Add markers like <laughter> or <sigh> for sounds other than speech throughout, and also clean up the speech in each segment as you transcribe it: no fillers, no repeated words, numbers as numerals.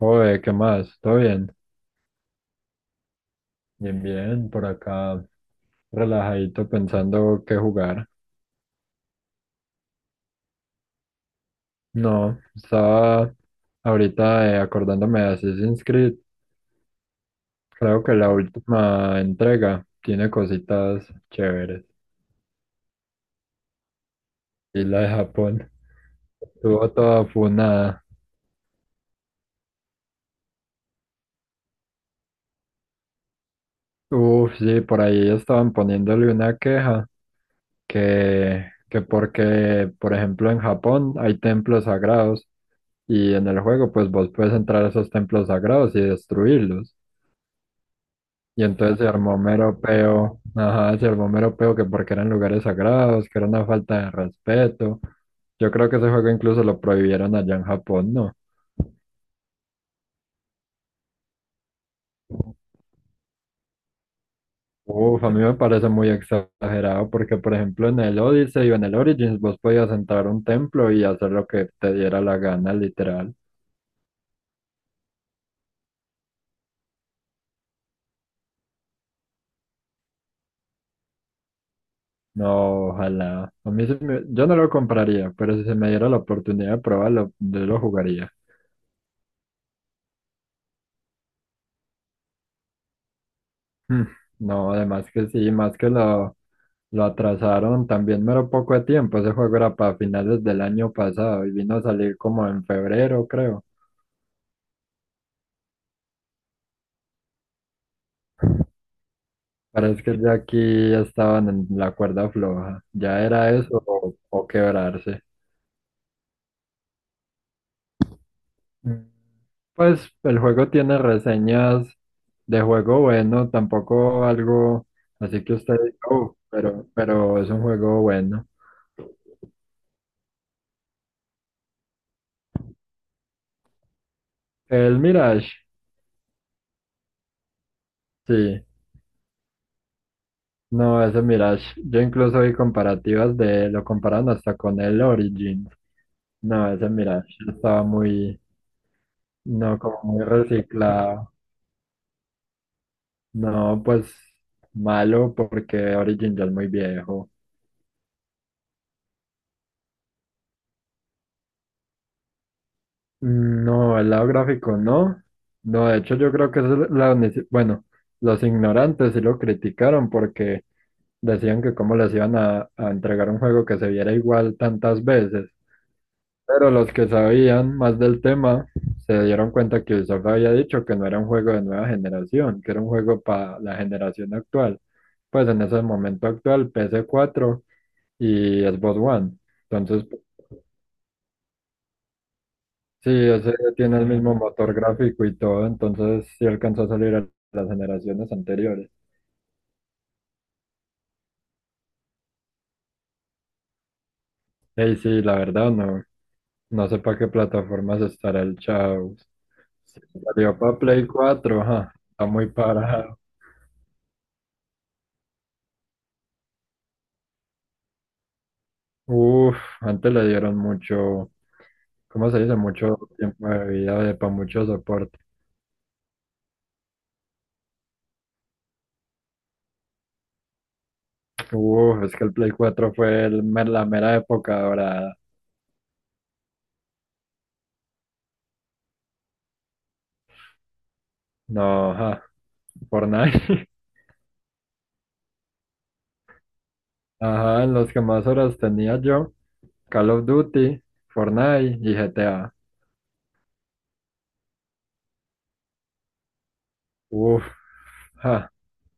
Oye, ¿qué más? ¿Todo bien? Bien, bien, por acá relajadito pensando qué jugar. No, estaba ahorita acordándome de Assassin's Creed. Creo que la última entrega tiene cositas chéveres. Y la de Japón estuvo toda funada. Uf, sí, por ahí estaban poniéndole una queja que porque, por ejemplo, en Japón hay templos sagrados y en el juego pues vos puedes entrar a esos templos sagrados y destruirlos. Y entonces se armó mero peo, ajá, se armó mero peo que porque eran lugares sagrados, que era una falta de respeto. Yo creo que ese juego incluso lo prohibieron allá en Japón, ¿no? Uf, a mí me parece muy exagerado porque, por ejemplo, en el Odyssey o en el Origins vos podías entrar a un templo y hacer lo que te diera la gana, literal. No, ojalá. A mí yo no lo compraría, pero si se me diera la oportunidad de probarlo, yo lo jugaría. Mm, no, además que sí, más que lo. Lo atrasaron también mero poco de tiempo. Ese juego era para finales del año pasado y vino a salir como en febrero, creo. Parece que ya aquí estaban en la cuerda floja. Ya era eso o quebrarse. Mm. Pues el juego tiene reseñas de juego bueno, tampoco algo así que usted diga, pero es un juego bueno. El Mirage, sí. No, ese Mirage. Yo incluso vi comparativas de, lo comparan hasta con el Origin. No, ese mira, yo estaba muy, no, como muy reciclado. No, pues malo porque Origin ya es muy viejo. Mm, no, el lado gráfico no. No, de hecho yo creo que eso es la, unici- bueno, los ignorantes sí lo criticaron porque decían que cómo les iban a entregar un juego que se viera igual tantas veces. Pero los que sabían más del tema se dieron cuenta que Ubisoft había dicho que no era un juego de nueva generación, que era un juego para la generación actual. Pues en ese momento actual, ps cuatro y Xbox One. Entonces, sí, ese tiene el mismo motor gráfico y todo, entonces sí alcanzó a salir a las generaciones anteriores. Y sí, la verdad, no, no sé para qué plataformas estará el Chao. Sí, salió para Play cuatro, ajá, está muy parado. Uf, antes le dieron mucho, ¿cómo se dice? Mucho tiempo de vida para mucho soporte. Uf, es que el Play 4 fue la mera época dorada. No, ajá, Fortnite. Ajá, los que más horas tenía yo, Call of Duty, Fortnite y GTA. Uf, ja,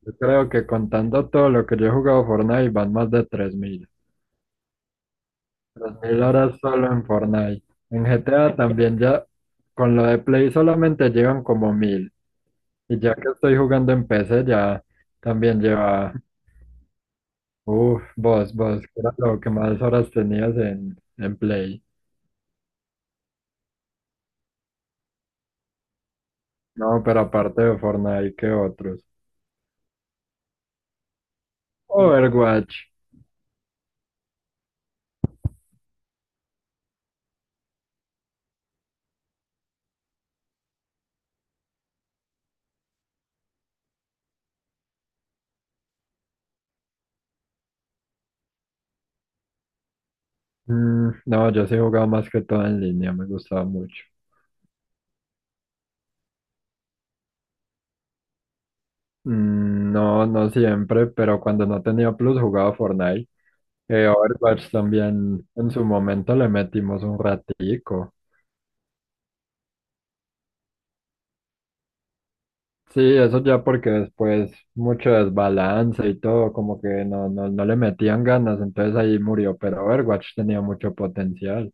yo creo que contando todo lo que yo he jugado Fortnite van más de 3.000. Tres mil horas solo en Fortnite. En GTA también ya, con lo de Play solamente llevan como 1.000. Y ya que estoy jugando en PC ya también lleva, uf, vos, que era lo que más horas tenías en Play. No, pero aparte de Fortnite, ¿qué otros? Overwatch. Mm, no, yo sí jugaba más que todo en línea, me gustaba mucho. Mm, no, no siempre, pero cuando no tenía Plus jugaba Fortnite. Overwatch también en su momento le metimos un ratico. Sí, eso ya porque después mucho desbalance y todo, como que no, no, no le metían ganas, entonces ahí murió, pero Overwatch tenía mucho potencial.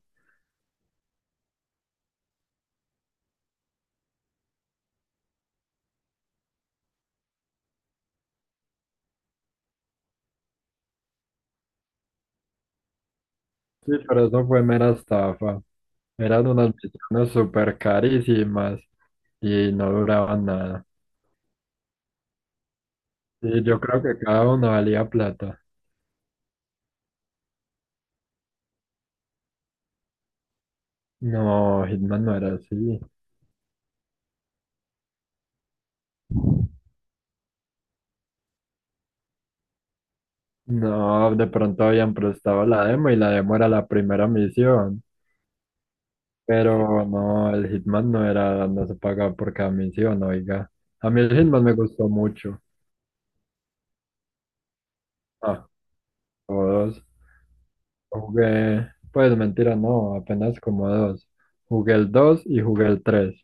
Sí, pero eso fue mera estafa. Eran unas misiones súper carísimas y no duraban nada. Sí, yo creo que cada uno valía plata. No, Hitman no era así. No, de pronto habían prestado la demo y la demo era la primera misión. Pero no, el Hitman no era, no se pagaba por cada misión, oiga. A mí el Hitman me gustó mucho. Ah, todos. Jugué, pues mentira, no, apenas como dos. Jugué el 2 y jugué el 3.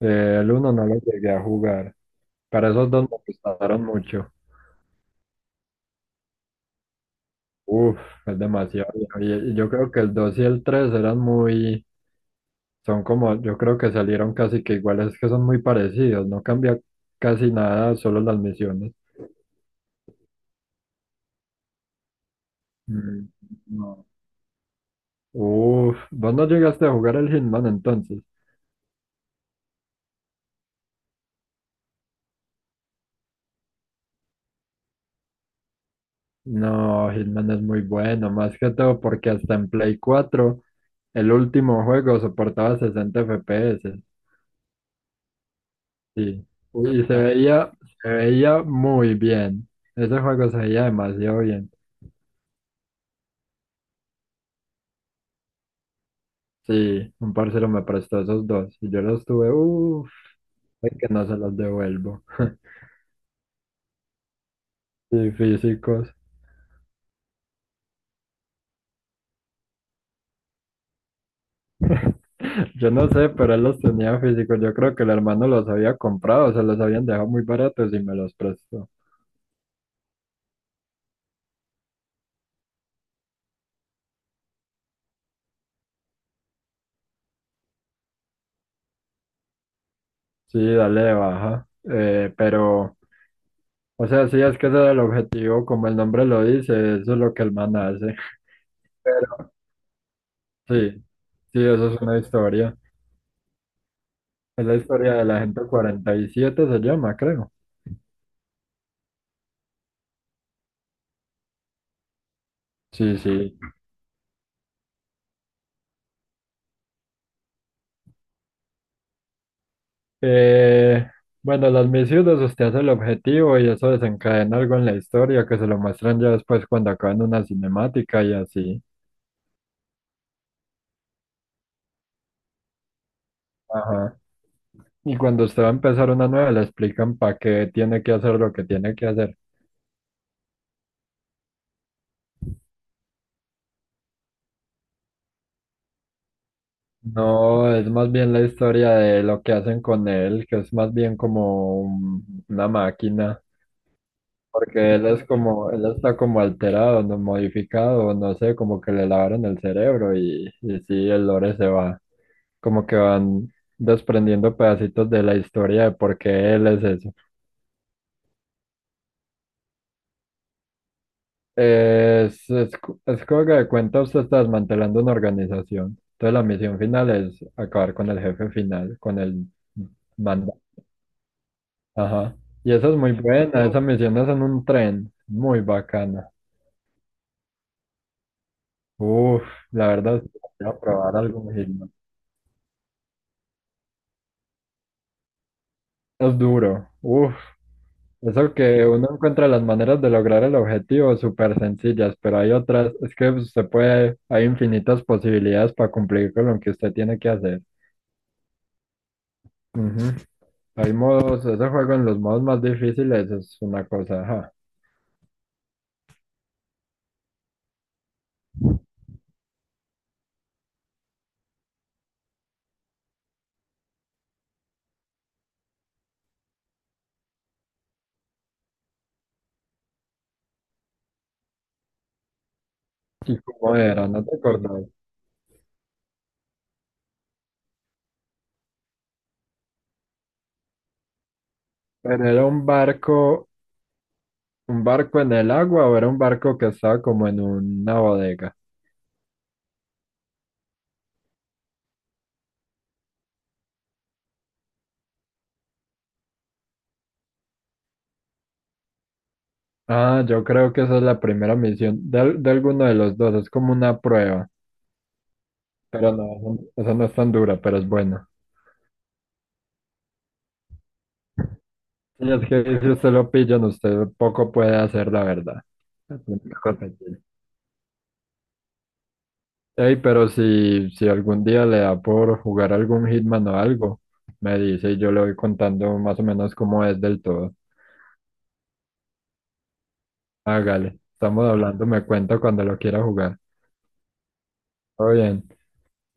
El uno no lo llegué a jugar. Para esos dos me gustaron mucho. Uf, es demasiado viejo. Y yo creo que el 2 y el 3 eran muy, son como, yo creo que salieron casi que iguales, que son muy parecidos, no cambia casi nada, solo las misiones. Mm, no. Uf, vos no llegaste a jugar el Hitman entonces. No, Hitman es muy bueno, más que todo porque hasta en Play 4, el último juego soportaba 60 FPS, sí. Uy, y se veía muy bien. Ese juego se veía demasiado bien. Sí, un parcero me prestó esos dos y yo los tuve, uff, que no se los devuelvo. <laughs> Y físicos. Yo no sé, pero él los tenía físicos. Yo creo que el hermano los había comprado, se los habían dejado muy baratos y me los prestó. Sí, dale de baja. Pero, o sea, sí, es que ese era el objetivo, como el nombre lo dice, eso es lo que el man hace. <laughs> Pero sí, sí, eso es una historia. Es la historia de la gente 47 se llama, creo. Sí, sí, Eh, bueno, las misiones, usted hace el objetivo y eso desencadena algo en la historia que se lo muestran ya después cuando acaban una cinemática y así. Ajá. Y cuando usted va a empezar una nueva, le explican para qué tiene que hacer lo que tiene que hacer. No, es más bien la historia de lo que hacen con él, que es más bien como una máquina, porque él es como, él está como alterado, no modificado, no sé, como que le lavaron el cerebro y sí, el lore se va. Como que van desprendiendo pedacitos de la historia de por qué él es eso. Es como que de cuenta usted está desmantelando una organización. Entonces la misión final es acabar con el jefe final, con el manda. Ajá. Y esa es muy buena. Esa, no, misión es en un tren, muy bacana. Uf, la verdad, voy a probar algo. Es duro, uf, eso que uno encuentra las maneras de lograr el objetivo súper sencillas, pero hay otras, es que usted puede, hay infinitas posibilidades para cumplir con lo que usted tiene que hacer. Ujú. Hay modos, ese juego en los modos más difíciles es una cosa, ajá. ¿Y cómo era? No te acordás. Pero era un barco en el agua o era un barco que estaba como en una bodega. Ah, yo creo que esa es la primera misión de, de alguno de los dos, es como una prueba. Pero no, eso no es tan dura, pero es bueno. Y es que si usted lo pillan, usted poco puede hacer, la verdad. Es una cosa así. Ey, pero si algún día le da por jugar algún Hitman o algo, me dice y yo le voy contando más o menos cómo es del todo. Hágale, estamos hablando, me cuenta cuando lo quiera jugar. Todo bien.